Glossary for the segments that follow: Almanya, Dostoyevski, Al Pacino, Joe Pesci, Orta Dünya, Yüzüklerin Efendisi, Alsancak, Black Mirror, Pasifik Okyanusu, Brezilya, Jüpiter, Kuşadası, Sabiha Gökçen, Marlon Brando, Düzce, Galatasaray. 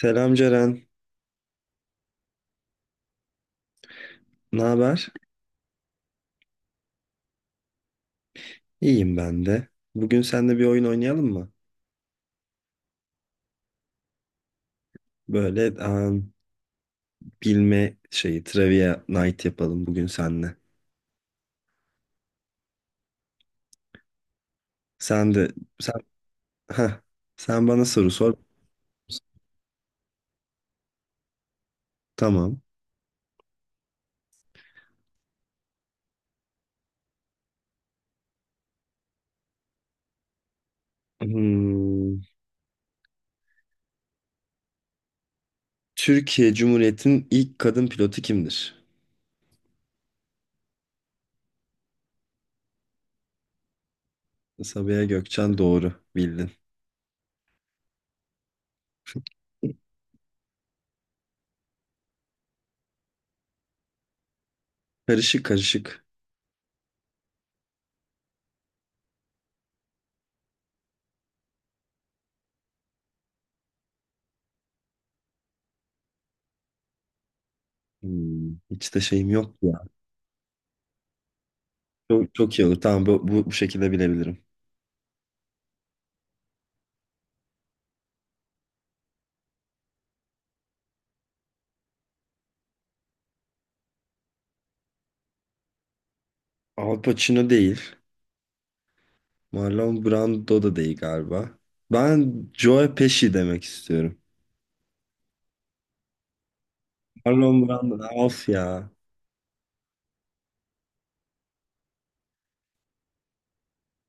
Selam Ceren, ne haber? İyiyim ben de. Bugün seninle bir oyun oynayalım mı? Böyle bilme şeyi, trivia night yapalım bugün seninle. Sen de, sen, heh, sen bana soru sor. Tamam. Hmm, Türkiye Cumhuriyeti'nin ilk kadın pilotu kimdir? Sabiha Gökçen doğru, bildin. Karışık karışık. Hiç de şeyim yok ya. Çok, çok iyi olur. Tamam bu şekilde bilebilirim. Al Pacino değil. Marlon Brando da değil galiba. Ben Joe Pesci demek istiyorum. Marlon Brando. Of ya.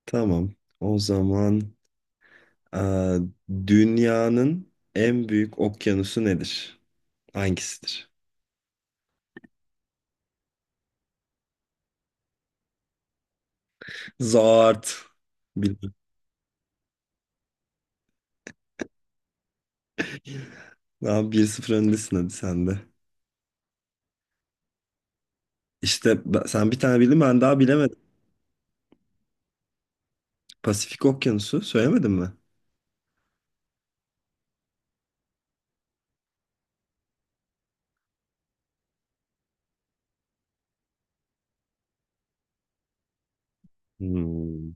Tamam. O zaman eee, dünyanın en büyük okyanusu nedir? Hangisidir? Zart. Bilmem. Daha bir sıfır öndesin, hadi sen de. İşte sen bir tane bildin, ben daha bilemedim. Pasifik Okyanusu söylemedin mi? Hmm.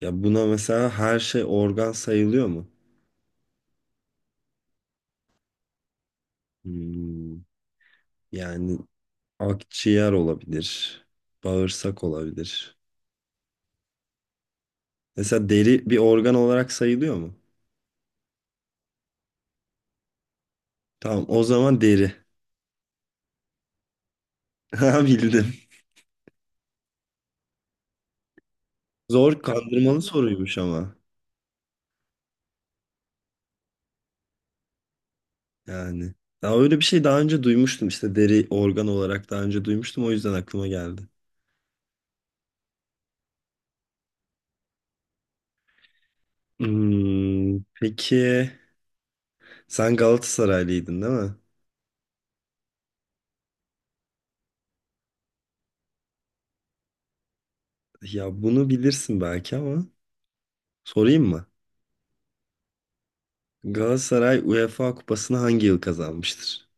Ya buna mesela her şey organ sayılıyor mu? Hmm. Yani akciğer olabilir. Bağırsak olabilir. Mesela deri bir organ olarak sayılıyor mu? Tamam, o zaman deri. Ha, bildim. Zor kandırmalı soruymuş ama. Yani. Ya öyle bir şey daha önce duymuştum, işte deri organ olarak daha önce duymuştum, o yüzden aklıma geldi. Peki sen Galatasaraylıydın değil mi? Ya bunu bilirsin belki ama sorayım mı? Galatasaray UEFA Kupası'nı hangi yıl kazanmıştır?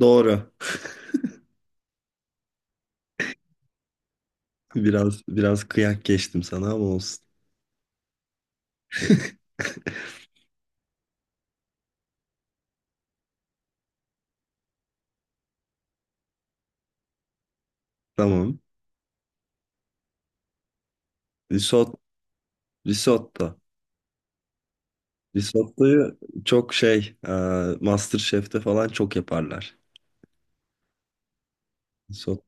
Doğru. Biraz biraz kıyak geçtim sana ama olsun. Tamam. Risot, risotto. Risottoyu çok MasterChef'te falan çok yaparlar. Risotto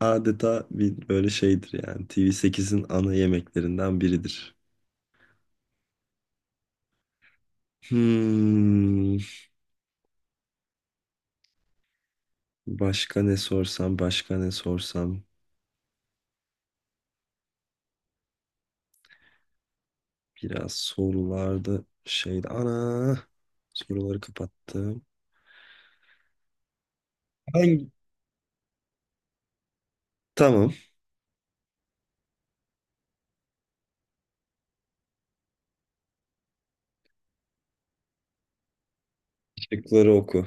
adeta bir böyle şeydir yani. TV8'in ana yemeklerinden biridir. Hmm, Başka ne sorsam, başka ne sorsam. Biraz sorularda şeydi. Ana! Soruları kapattım. Hangi? Tamam. Şıkları oku.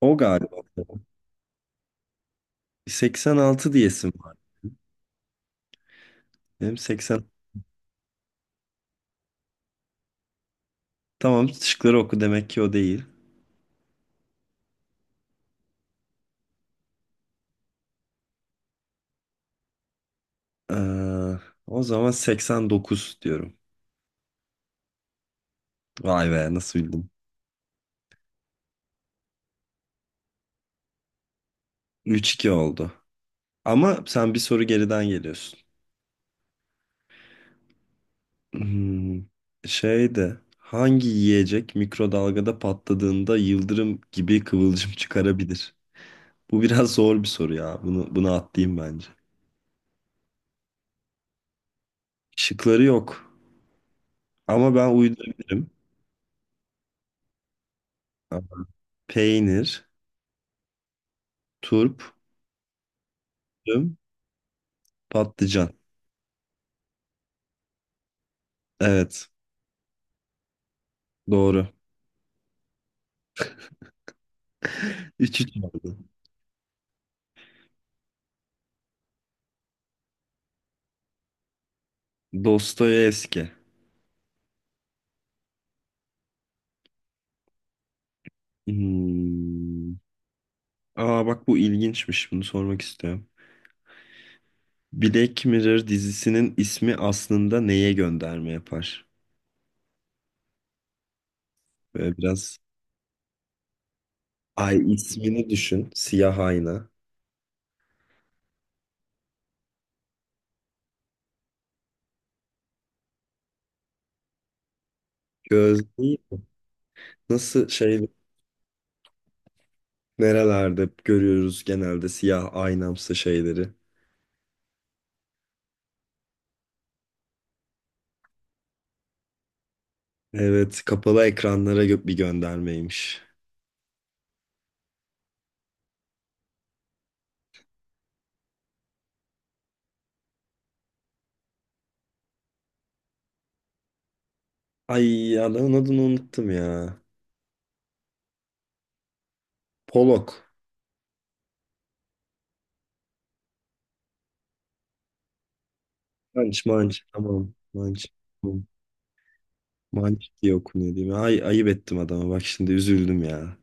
O galiba. 86 diyesim var. Benim 80. Tamam, şıkları oku demek ki o değil. Ee, O zaman 89 diyorum. Vay be, nasıl bildim. 3-2 oldu. Ama sen bir soru geriden geliyorsun. Hmm, Şeydi. Hangi yiyecek mikrodalgada patladığında yıldırım gibi kıvılcım çıkarabilir? Bu biraz zor bir soru ya. Bunu atlayayım bence. Şıkları yok. Ama ben uydurabilirim. Peynir, turp, üzüm, patlıcan. Evet, doğru. 3-3 oldu. Dostoyevski. Hmm. Aa, bak bu ilginçmiş. Bunu sormak istiyorum. Black Mirror dizisinin ismi aslında neye gönderme yapar? Böyle biraz ay, ismini düşün. Siyah ayna. Gözlüğü nasıl nerelerde görüyoruz genelde siyah aynamsı şeyleri. Evet, kapalı ekranlara bir göndermeymiş. Ay, adamın adını unuttum ya. Polok. Manç manç, tamam. Manç. Malik diye okunuyor değil mi? Ay, ayıp ettim adama. Bak şimdi üzüldüm ya.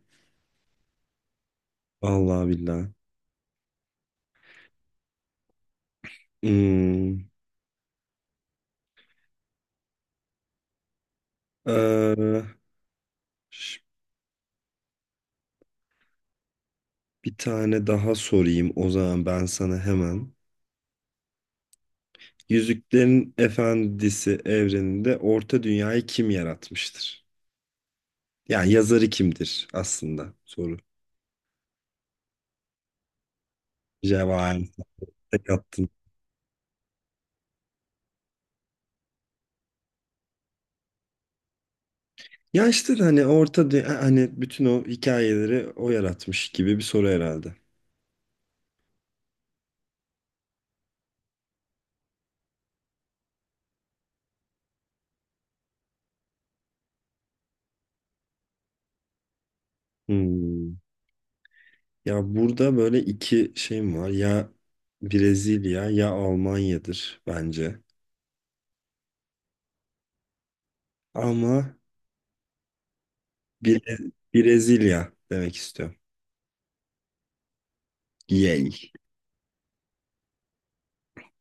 Vallahi billahi. Hmm. Ee, ş- Bir tane daha sorayım o zaman ben sana hemen. Yüzüklerin Efendisi evreninde Orta Dünya'yı kim yaratmıştır? Yani yazarı kimdir aslında soru. Cevahir. Tek attın. Ya işte hani Orta Dünya, hani bütün o hikayeleri o yaratmış gibi bir soru herhalde. Hmm. Ya burada böyle iki şeyim var. Ya Brezilya ya Almanya'dır bence. Ama Brezilya demek istiyorum. Yay.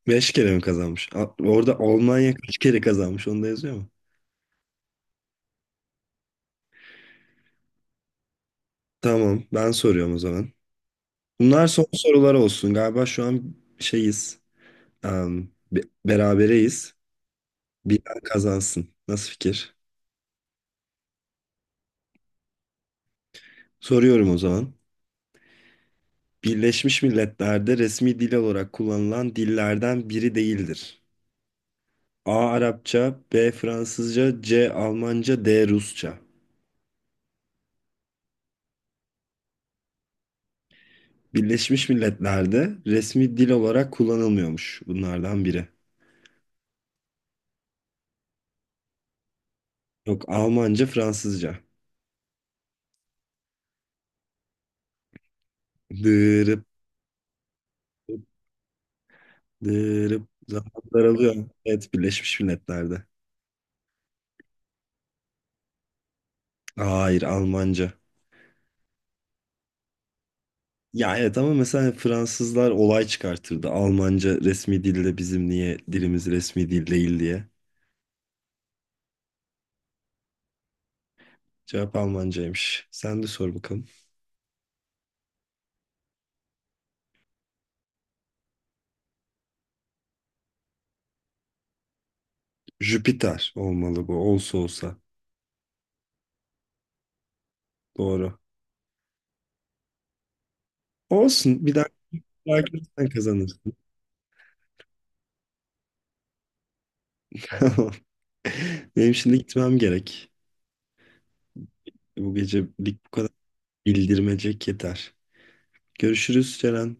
Beş kere mi kazanmış? Orada Almanya kaç kere kazanmış? Onu da yazıyor mu? Tamam, ben soruyorum o zaman. Bunlar son sorular olsun. Galiba şu an şeyiz. Berabereyiz. Bilen kazansın. Nasıl fikir? Soruyorum o zaman. Birleşmiş Milletler'de resmi dil olarak kullanılan dillerden biri değildir. A. Arapça, B. Fransızca, C. Almanca, D. Rusça. Birleşmiş Milletler'de resmi dil olarak kullanılmıyormuş bunlardan biri. Yok, Almanca, Fransızca. Dırıp dırıp zaman daralıyor. Evet, Birleşmiş Milletler'de. Hayır, Almanca. Ya evet, ama mesela Fransızlar olay çıkartırdı. Almanca resmi dilde, bizim niye dilimiz resmi dil değil diye. Cevap Almancaymış. Sen de sor bakalım. Jüpiter olmalı, bu olsa olsa. Doğru. Olsun. Bir daha sen kazanırsın. Tamam. Benim şimdi gitmem gerek. Bu gecelik bu kadar bildirmecek yeter. Görüşürüz, Ceren.